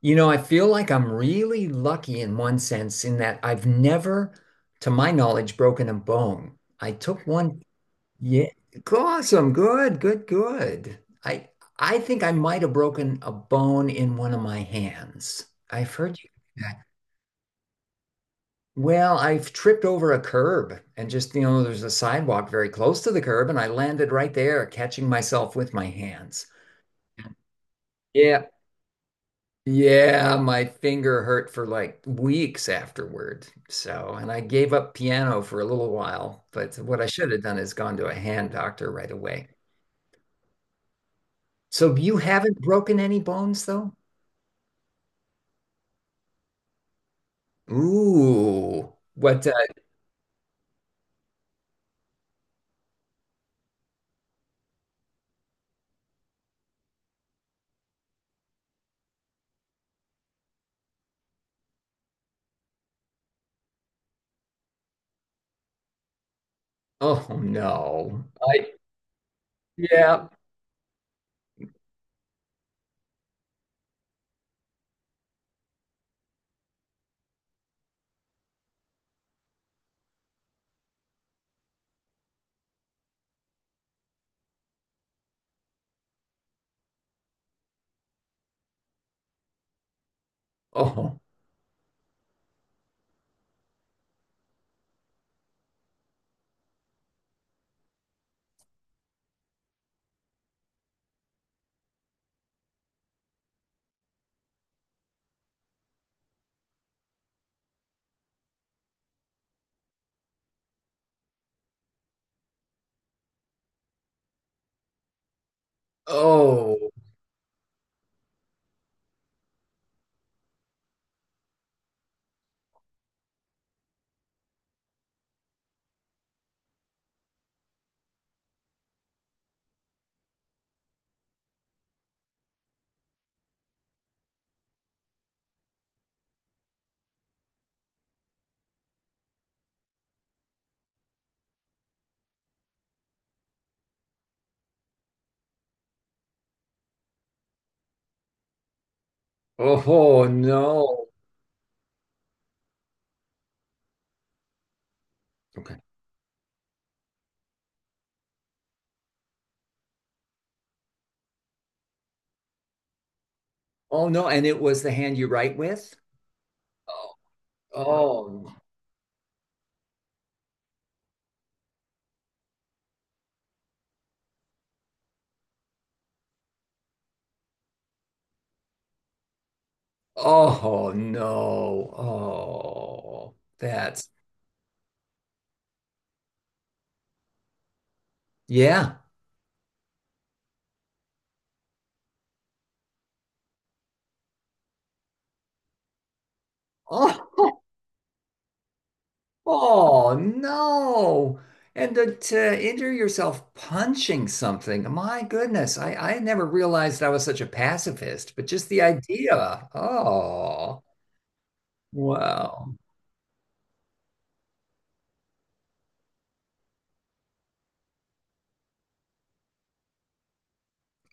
You know, I feel like I'm really lucky in one sense in that I've never, to my knowledge, broken a bone. I took one, yeah, awesome, good, good, good. I I think I might have broken a bone in one of my hands. I've heard you do that. Well, I've tripped over a curb and just, there's a sidewalk very close to the curb and I landed right there, catching myself with my hands. Yeah, yeah, my finger hurt for like weeks afterward. So, and I gave up piano for a little while, but what I should have done is gone to a hand doctor right away. So you haven't broken any bones though? Ooh, what? Oh no. Yeah. Oh, oh, oh no. Okay. Oh no. And it was the hand you write with? Oh, oh, oh no. Oh, that's. Yeah. Oh, oh no. And to injure yourself punching something, my goodness, I never realized I was such a pacifist, but just the idea. Oh, wow.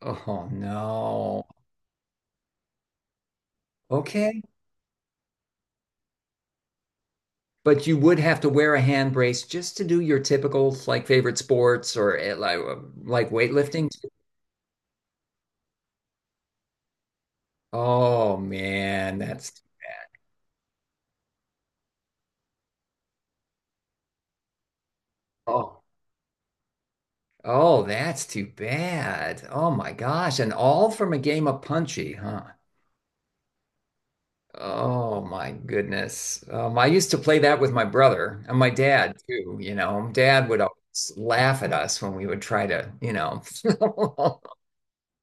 Oh no. Okay. But you would have to wear a hand brace just to do your typical like favorite sports or like weightlifting. Oh man, that's oh. Oh, that's too bad. Oh my gosh. And all from a game of Punchy, huh? Oh my goodness. I used to play that with my brother and my dad too. Dad would always laugh at us when we would try to.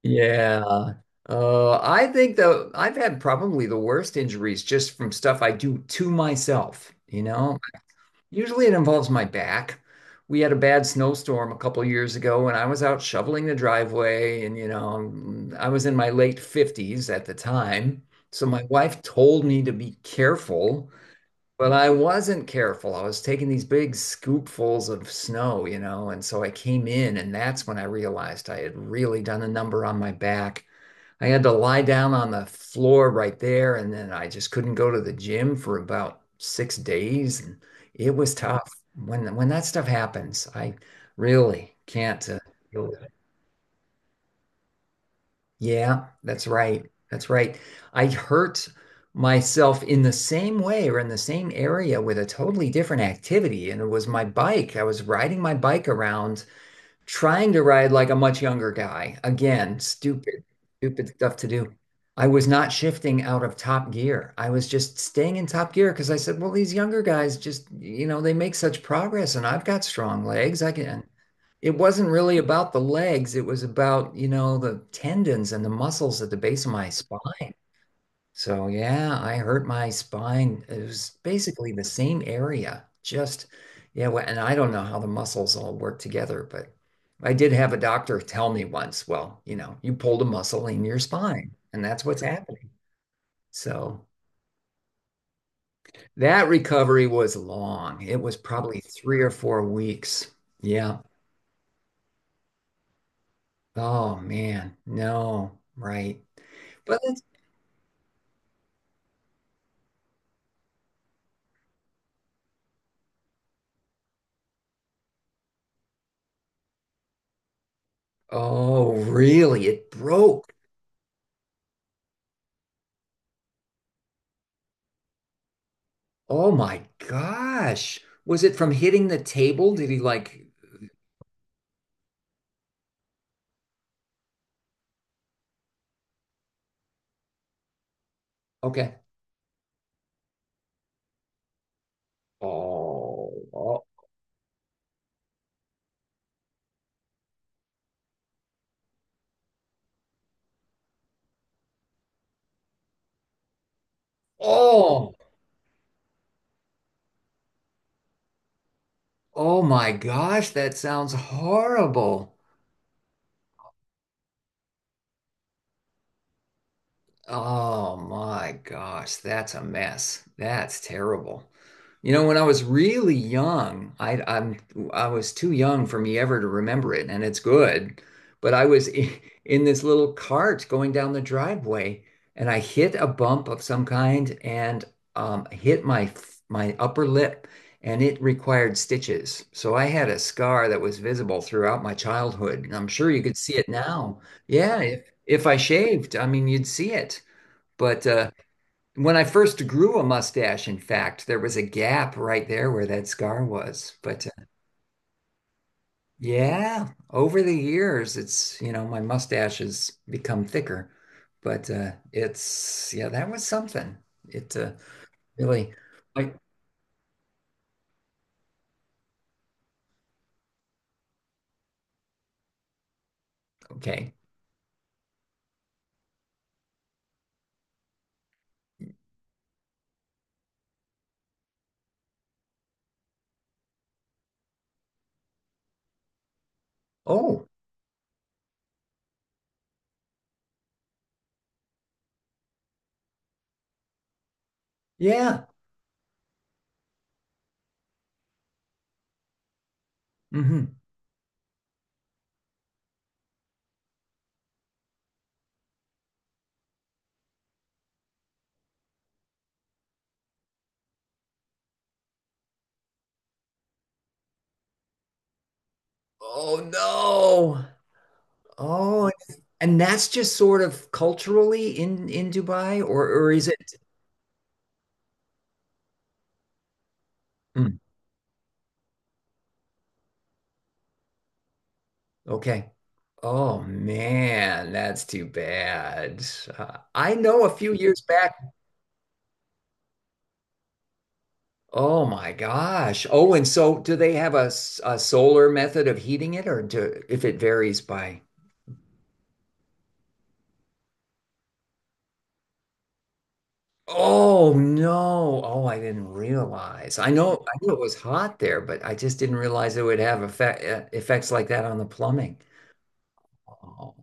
Yeah. I think the I've had probably the worst injuries just from stuff I do to myself. Usually it involves my back. We had a bad snowstorm a couple years ago, and I was out shoveling the driveway, and I was in my late 50s at the time. So my wife told me to be careful, but I wasn't careful. I was taking these big scoopfuls of snow, and so I came in, and that's when I realized I had really done a number on my back. I had to lie down on the floor right there, and then I just couldn't go to the gym for about 6 days, and it was tough. When that stuff happens, I really can't deal with it. Yeah, that's right. That's right. I hurt myself in the same way or in the same area with a totally different activity, and it was my bike. I was riding my bike around trying to ride like a much younger guy. Again, stupid, stupid stuff to do. I was not shifting out of top gear. I was just staying in top gear because I said, well, these younger guys just, they make such progress and I've got strong legs. I can. It wasn't really about the legs. It was about, the tendons and the muscles at the base of my spine. So yeah, I hurt my spine. It was basically the same area, just yeah. And I don't know how the muscles all work together, but I did have a doctor tell me once, well, you pulled a muscle in your spine, and that's what's happening. So that recovery was long. It was probably 3 or 4 weeks. Yeah. Oh man, no, right. But it's, oh, really? It broke. Oh my gosh. Was it from hitting the table? Did he like, okay. Oh, oh, oh, oh my gosh, that sounds horrible. Oh my gosh, that's a mess. That's terrible. You know, when I was really young, I was too young for me ever to remember it, and it's good. But I was in this little cart going down the driveway, and I hit a bump of some kind and hit my upper lip, and it required stitches. So I had a scar that was visible throughout my childhood, and I'm sure you could see it now. Yeah, yeah. If I shaved, I mean, you'd see it. But when I first grew a mustache, in fact, there was a gap right there where that scar was. But yeah, over the years, it's, my mustache has become thicker. But it's, yeah, that was something. It really, like, okay. Oh, yeah. hmm Oh no. Oh, and that's just sort of culturally in Dubai, or is it? Mm-hmm. Okay. Oh man, that's too bad. I know a few years back. Oh my gosh. Oh, and so do they have a solar method of heating it, or do if it varies by? Oh no. Oh, I didn't realize. I know I knew it was hot there, but I just didn't realize it would have effects like that on the plumbing. Oh,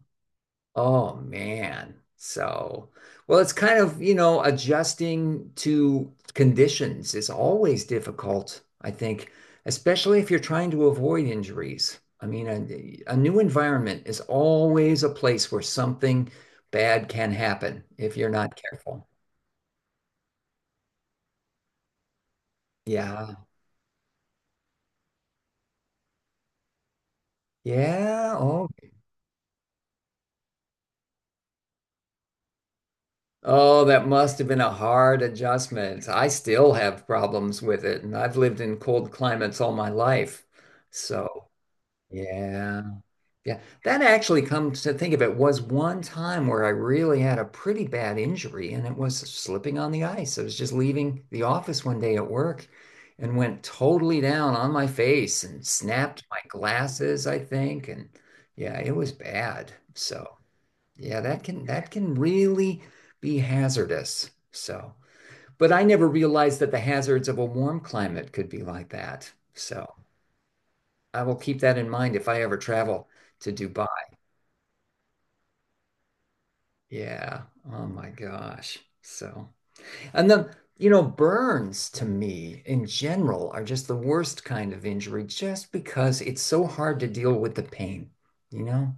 oh man. So, well, it's kind of adjusting to conditions is always difficult, I think, especially if you're trying to avoid injuries. I mean, a new environment is always a place where something bad can happen if you're not careful. Yeah. Yeah. Oh, oh, that must have been a hard adjustment. I still have problems with it, and I've lived in cold climates all my life. So, yeah. Yeah, that actually comes to think of it was one time where I really had a pretty bad injury and it was slipping on the ice. I was just leaving the office one day at work and went totally down on my face and snapped my glasses, I think. And yeah, it was bad. So yeah, that can really be hazardous. So, but I never realized that the hazards of a warm climate could be like that. So I will keep that in mind if I ever travel to Dubai. Yeah. Oh my gosh. So, and then, burns to me in general are just the worst kind of injury just because it's so hard to deal with the pain, you know?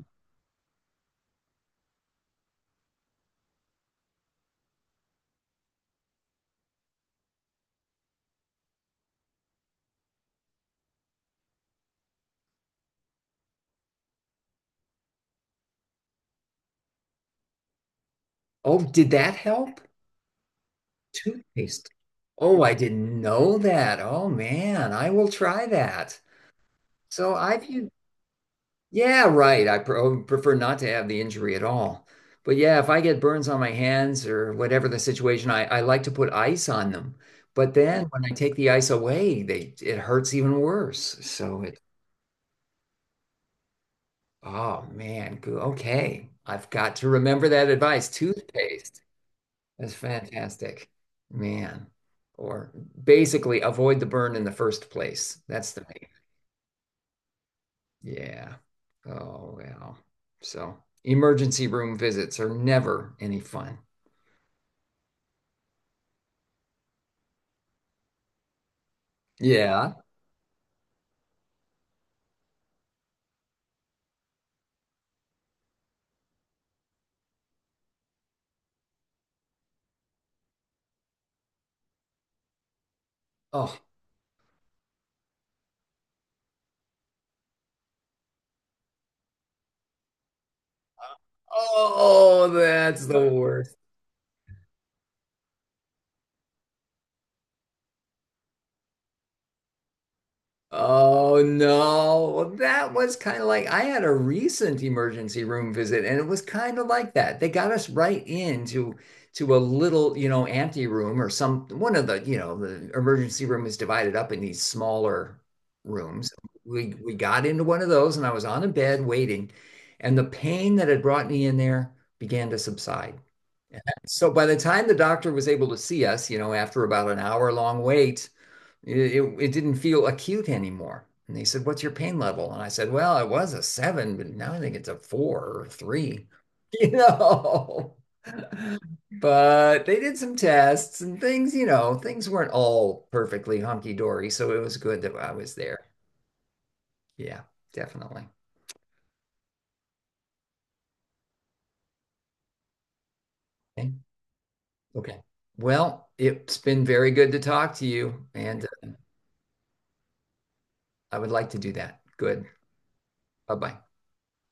Oh, did that help? Toothpaste. Oh, I didn't know that. Oh man, I will try that. So I've used yeah, right. I I would prefer not to have the injury at all. But yeah, if I get burns on my hands or whatever the situation, I like to put ice on them. But then when I take the ice away, they it hurts even worse. So it, oh man, okay. I've got to remember that advice. Toothpaste. That's fantastic. Man. Or basically avoid the burn in the first place. That's the yeah. Oh, well. So emergency room visits are never any fun. Yeah. Oh, oh, that's the worst. Oh no. Well, that was kind of like I had a recent emergency room visit and it was kind of like that. They got us right into to a little, ante room or some one of the emergency room is divided up in these smaller rooms. We got into one of those and I was on a bed waiting and the pain that had brought me in there began to subside. So by the time the doctor was able to see us, after about an hour long wait, it didn't feel acute anymore. And they said, what's your pain level? And I said, well, it was a seven, but now I think it's a four or three, you know. But they did some tests and things weren't all perfectly hunky dory. So it was good that I was there. Yeah, definitely. Okay. Okay. Well, it's been very good to talk to you, and I would like to do that. Good. Bye bye.